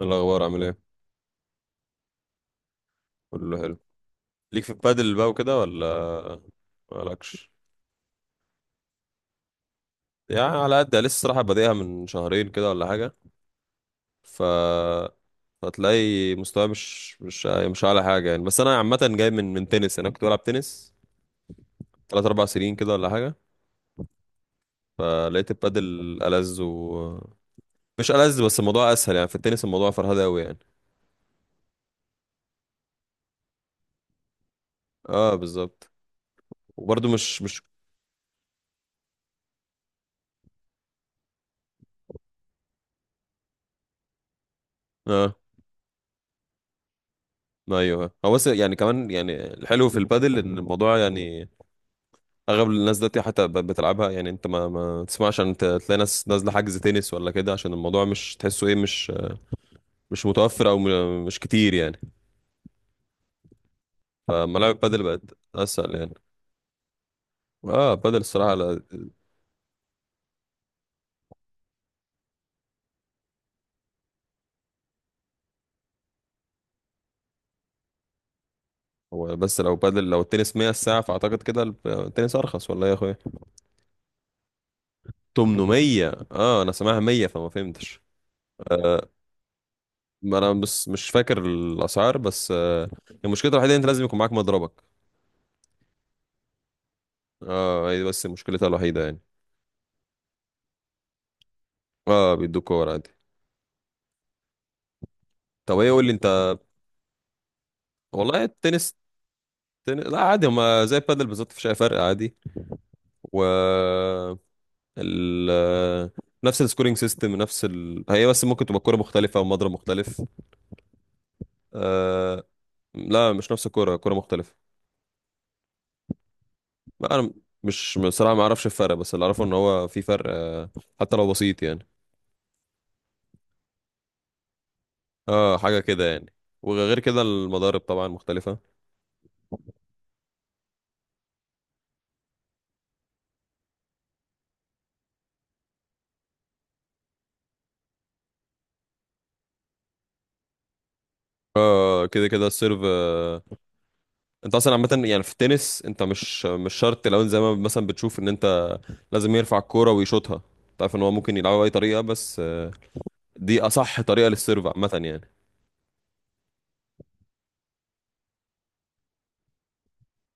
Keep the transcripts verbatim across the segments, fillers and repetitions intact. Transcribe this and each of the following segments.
الأخبار عامل إيه؟ كله حلو. ليك في البادل بقى وكده ولا مالكش؟ يعني على قد يعني، لسه الصراحة بادئها من شهرين كده ولا حاجة. ف هتلاقي مستواي مش مش مش أعلى حاجة يعني. بس أنا عامة جاي من من تنس، أنا كنت بلعب تنس تلات أربع سنين كده ولا حاجة. فلقيت البادل ألذ، و مش ألذ بس الموضوع أسهل يعني. في التنس الموضوع فرهدة أوي يعني. اه بالظبط. وبرده مش مش. اه ايوه، هو بس يعني كمان يعني الحلو في البادل ان الموضوع يعني اغلب الناس دلوقتي حتى ب- بتلعبها يعني. انت ما ما تسمعش عشان ت- تلاقي ناس نازله حجز تنس ولا كده، عشان الموضوع مش تحسه ايه، مش مش متوفر او م- مش كتير يعني. فملاعب بادل بقت اسهل يعني. اه بادل الصراحه لا- هو بس لو بادل لو التنس مئة الساعه فاعتقد كده الب- التنس ارخص ولا ايه يا اخويا؟ تمنمية، اه انا سامعها مية فما فهمتش. آه. ما انا بس مش فاكر الاسعار بس آه. المشكله الوحيده إن انت لازم يكون معاك مضربك. اه هي دي بس مشكلتها الوحيده يعني. اه بيدوك كور عادي. طب ايه قول لي انت. والله التنس تن... لا عادي، هما زي البادل بالظبط مفيش اي فرق عادي. و ال... نفس السكورينج سيستم، نفس ال... هي بس ممكن تبقى كرة مختلفة ومضرب مختلف. آه... لا مش نفس الكرة، كرة مختلفة. لا، انا مش بصراحة ما اعرفش الفرق، بس اللي اعرفه ان هو في فرق آه... حتى لو بسيط يعني. اه حاجة كده يعني. وغير كده المضارب طبعا مختلفة. اه كده كده السيرف آه... انت اصلا عامة يعني في التنس انت مش مش شرط. لو انت زي ما مثلا بتشوف ان انت لازم يرفع الكوره ويشوطها، تعرف ان هو ممكن يلعبها باي طريقه، بس آه، دي اصح طريقه للسيرف عامه يعني.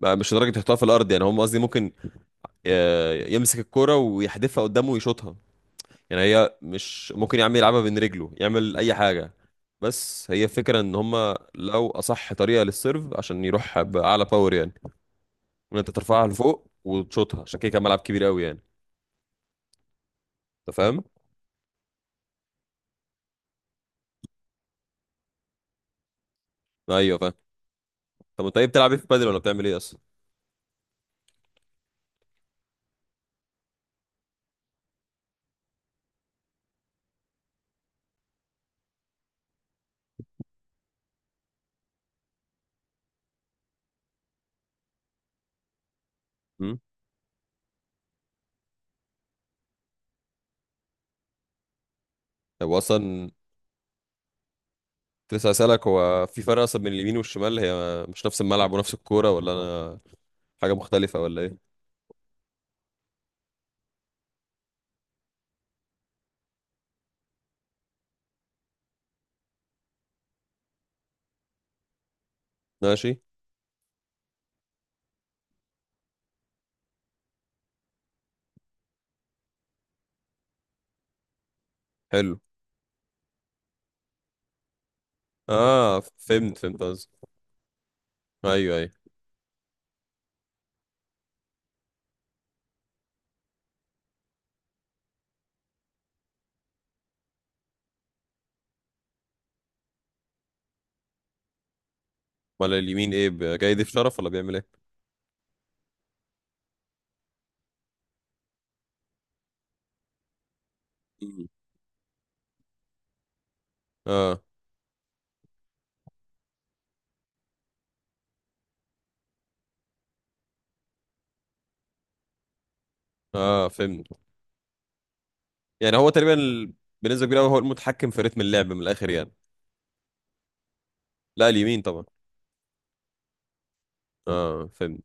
بقى مش لدرجه يحطها في الارض يعني، هم قصدي ممكن آه، يمسك الكوره ويحدفها قدامه ويشوطها. يعني هي مش ممكن يا عم يلعبها بين رجله يعمل اي حاجه، بس هي فكرة ان هم لو اصح طريقة للسيرف عشان يروح باعلى باور يعني، ان انت ترفعها لفوق وتشوطها. عشان كده كان ملعب كبير قوي يعني. انت فاهم. ايوه فاهم. طب انت ايه بتلعب ايه في البادل ولا بتعمل ايه اصلا؟ امم. طب اصلا كنت لسه هسألك، هو في فرق أصلا بين اليمين والشمال؟ هي مش نفس الملعب ونفس الكورة، ولا أنا حاجة مختلفة ولا إيه؟ ماشي. حلو. آه فهمت فهمت قصدي. أيوه أيوه. أمال اليمين إيه، ب- جاي يضيف شرف ولا بيعمل إيه؟ مم. آه. آه فهمت. يعني هو تقريبا ال- بنسبة كبيرة أوي هو المتحكم في رتم اللعب من الآخر يعني. لا اليمين طبعا. آه فهمت.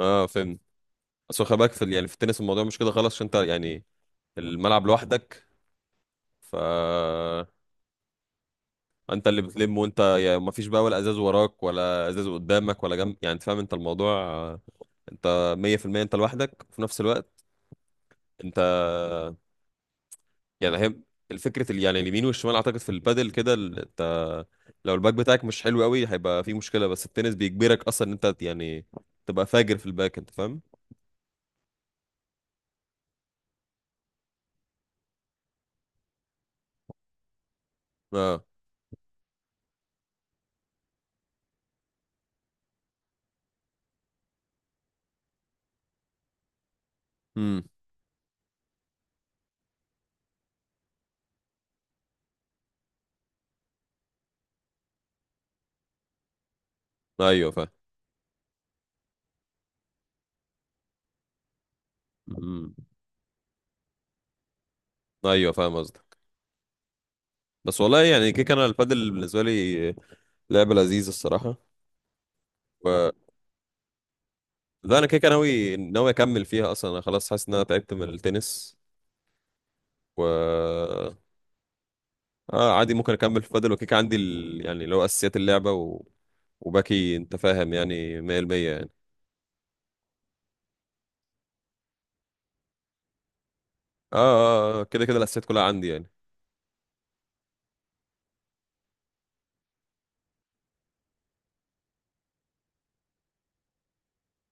آه فهمت. أصل خلي بالك في ال- يعني في التنس الموضوع مش كده خالص عشان أنت يعني الملعب لوحدك. ف انت اللي بتلم وانت يا ما فيش بقى، ولا ازاز وراك ولا ازاز قدامك ولا جنب، يعني انت فاهم انت الموضوع آه، انت مية في المية انت لوحدك. وفي نفس الوقت انت يعني هي الفكره ال- يعني اليمين والشمال اعتقد في البادل كده ال- انت لو الباك بتاعك مش حلو قوي هيبقى في مشكله. بس التنس بيجبرك اصلا ان انت يعني تبقى فاجر في الباك. انت فاهم. اه. امم. ايوه فاهم. امم. ايوه فاهم قصدك. بس والله يعني كيك، انا البادل بالنسبه لي لعبه لذيذه الصراحه. ده انا كده كده ناوي ناوي اكمل فيها اصلا، انا خلاص حاسس ان انا تعبت من التنس. و اه عادي، ممكن اكمل في بادل وكيك عندي ال... يعني اللي هو اساسيات اللعبه و... وباقي انت فاهم يعني مية بالمية يعني. اه اه آه، كده كده الاساسيات كلها عندي يعني.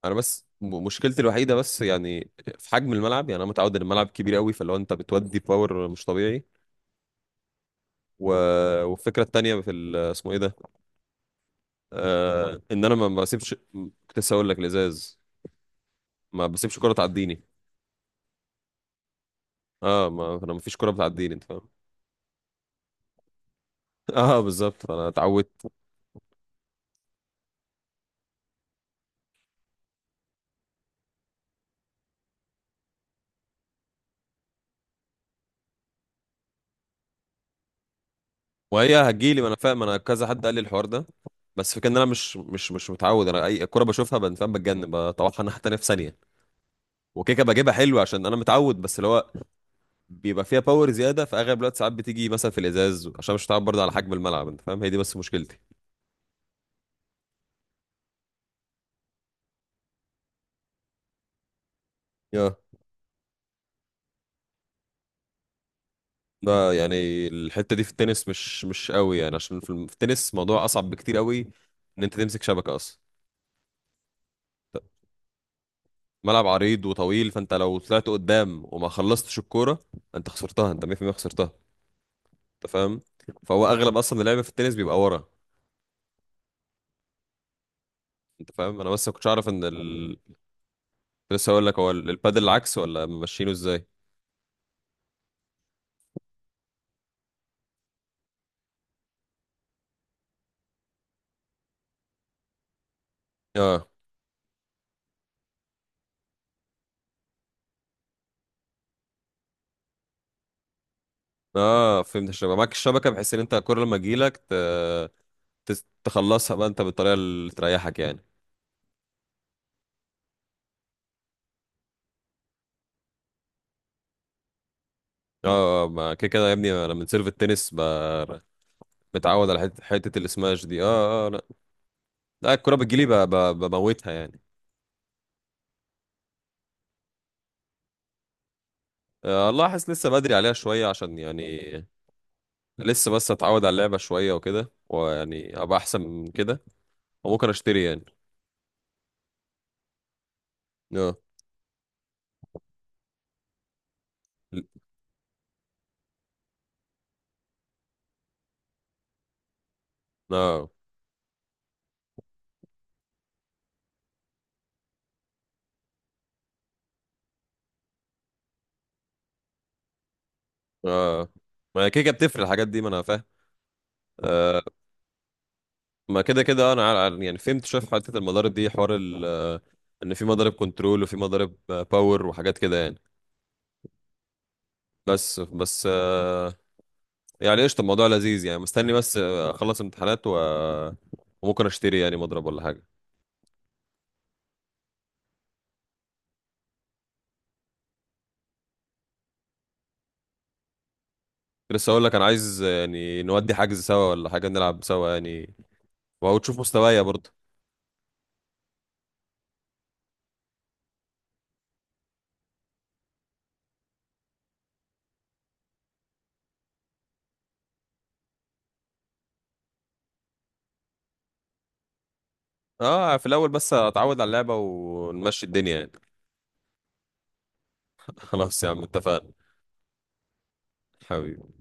انا بس م- مشكلتي الوحيده بس يعني في حجم الملعب. يعني انا متعود ان الملعب كبير قوي، فاللي هو انت بتودي باور مش طبيعي. و... والفكره التانيه في ال... اسمه ايه ده، آه ان انا ما بسيبش. كنت لسه اقول لك، الازاز ما بسيبش كره تعديني. اه ما انا مفيش كوره بتعديني انت فاهم. اه بالظبط انا اتعودت. وهي هتجيلي ما انا فاهم، انا كذا حد قال لي الحوار ده. بس فكان انا مش مش مش متعود. انا اي كوره بشوفها بن- فاهم، بتجنن بطوحها ناحيه تانيه في ثانيه. وكيكه بجيبها حلو عشان انا متعود، بس اللي هو بيبقى فيها باور زياده في اغلب الوقت. ساعات بتيجي مثلا في الازاز عشان مش متعود برضه على حجم الملعب، انت فاهم، هي دي بس مشكلتي. يا. ده يعني الحته دي في التنس مش مش قوي يعني، عشان في الم- في التنس موضوع اصعب بكتير قوي ان انت تمسك شبكه اصلا. ملعب عريض وطويل، فانت لو طلعت قدام وما خلصتش الكوره انت خسرتها، انت مية في المية خسرتها. انت فاهم. فهو اغلب اصلا اللعب في التنس بيبقى ورا. انت فاهم، انا بس ما كنتش اعرف ان ال... لسه هقول لك هو ال- البادل العكس ولا ماشيينه ازاي. اه اه فهمت، الشبكه معاك الشبكه بحيث ان انت الكوره لما تجيلك ت... تس- تخلصها بقى انت بالطريقه اللي تريحك يعني. اه آه، ما كده كده يا ابني انا من سيرف التنس ب... متعود على حته حته السماش دي اه اه آه، لا. لا الكوره بتجيلي ب... ب... بموتها يعني. آه، والله حاسس لسه بدري عليها شوية، عشان يعني لسه بس اتعود على اللعبة شوية وكده، ويعني ابقى احسن من كده وممكن اشتري يعني. اه اه اه، ما هي كده كده بتفرق الحاجات دي ما انا فاهم. آه ما كده كده انا عار- عار- يعني فهمت شوية في حتة المضارب دي، حوار ال آه، ان في مضارب كنترول وفي مضارب آه، باور وحاجات كده يعني. بس بس آه. يعني قشطة، الموضوع لذيذ يعني. مستني بس آه، اخلص امتحانات و وممكن اشتري يعني مضرب ولا حاجة. لسه اقول لك، انا عايز يعني نودي حجز سوا ولا حاجه نلعب سوا يعني، وتشوف مستوايا برضه. اه في الاول بس اتعود على اللعبه ونمشي الدنيا يعني. خلاص يا عم اتفقنا. حبيبي.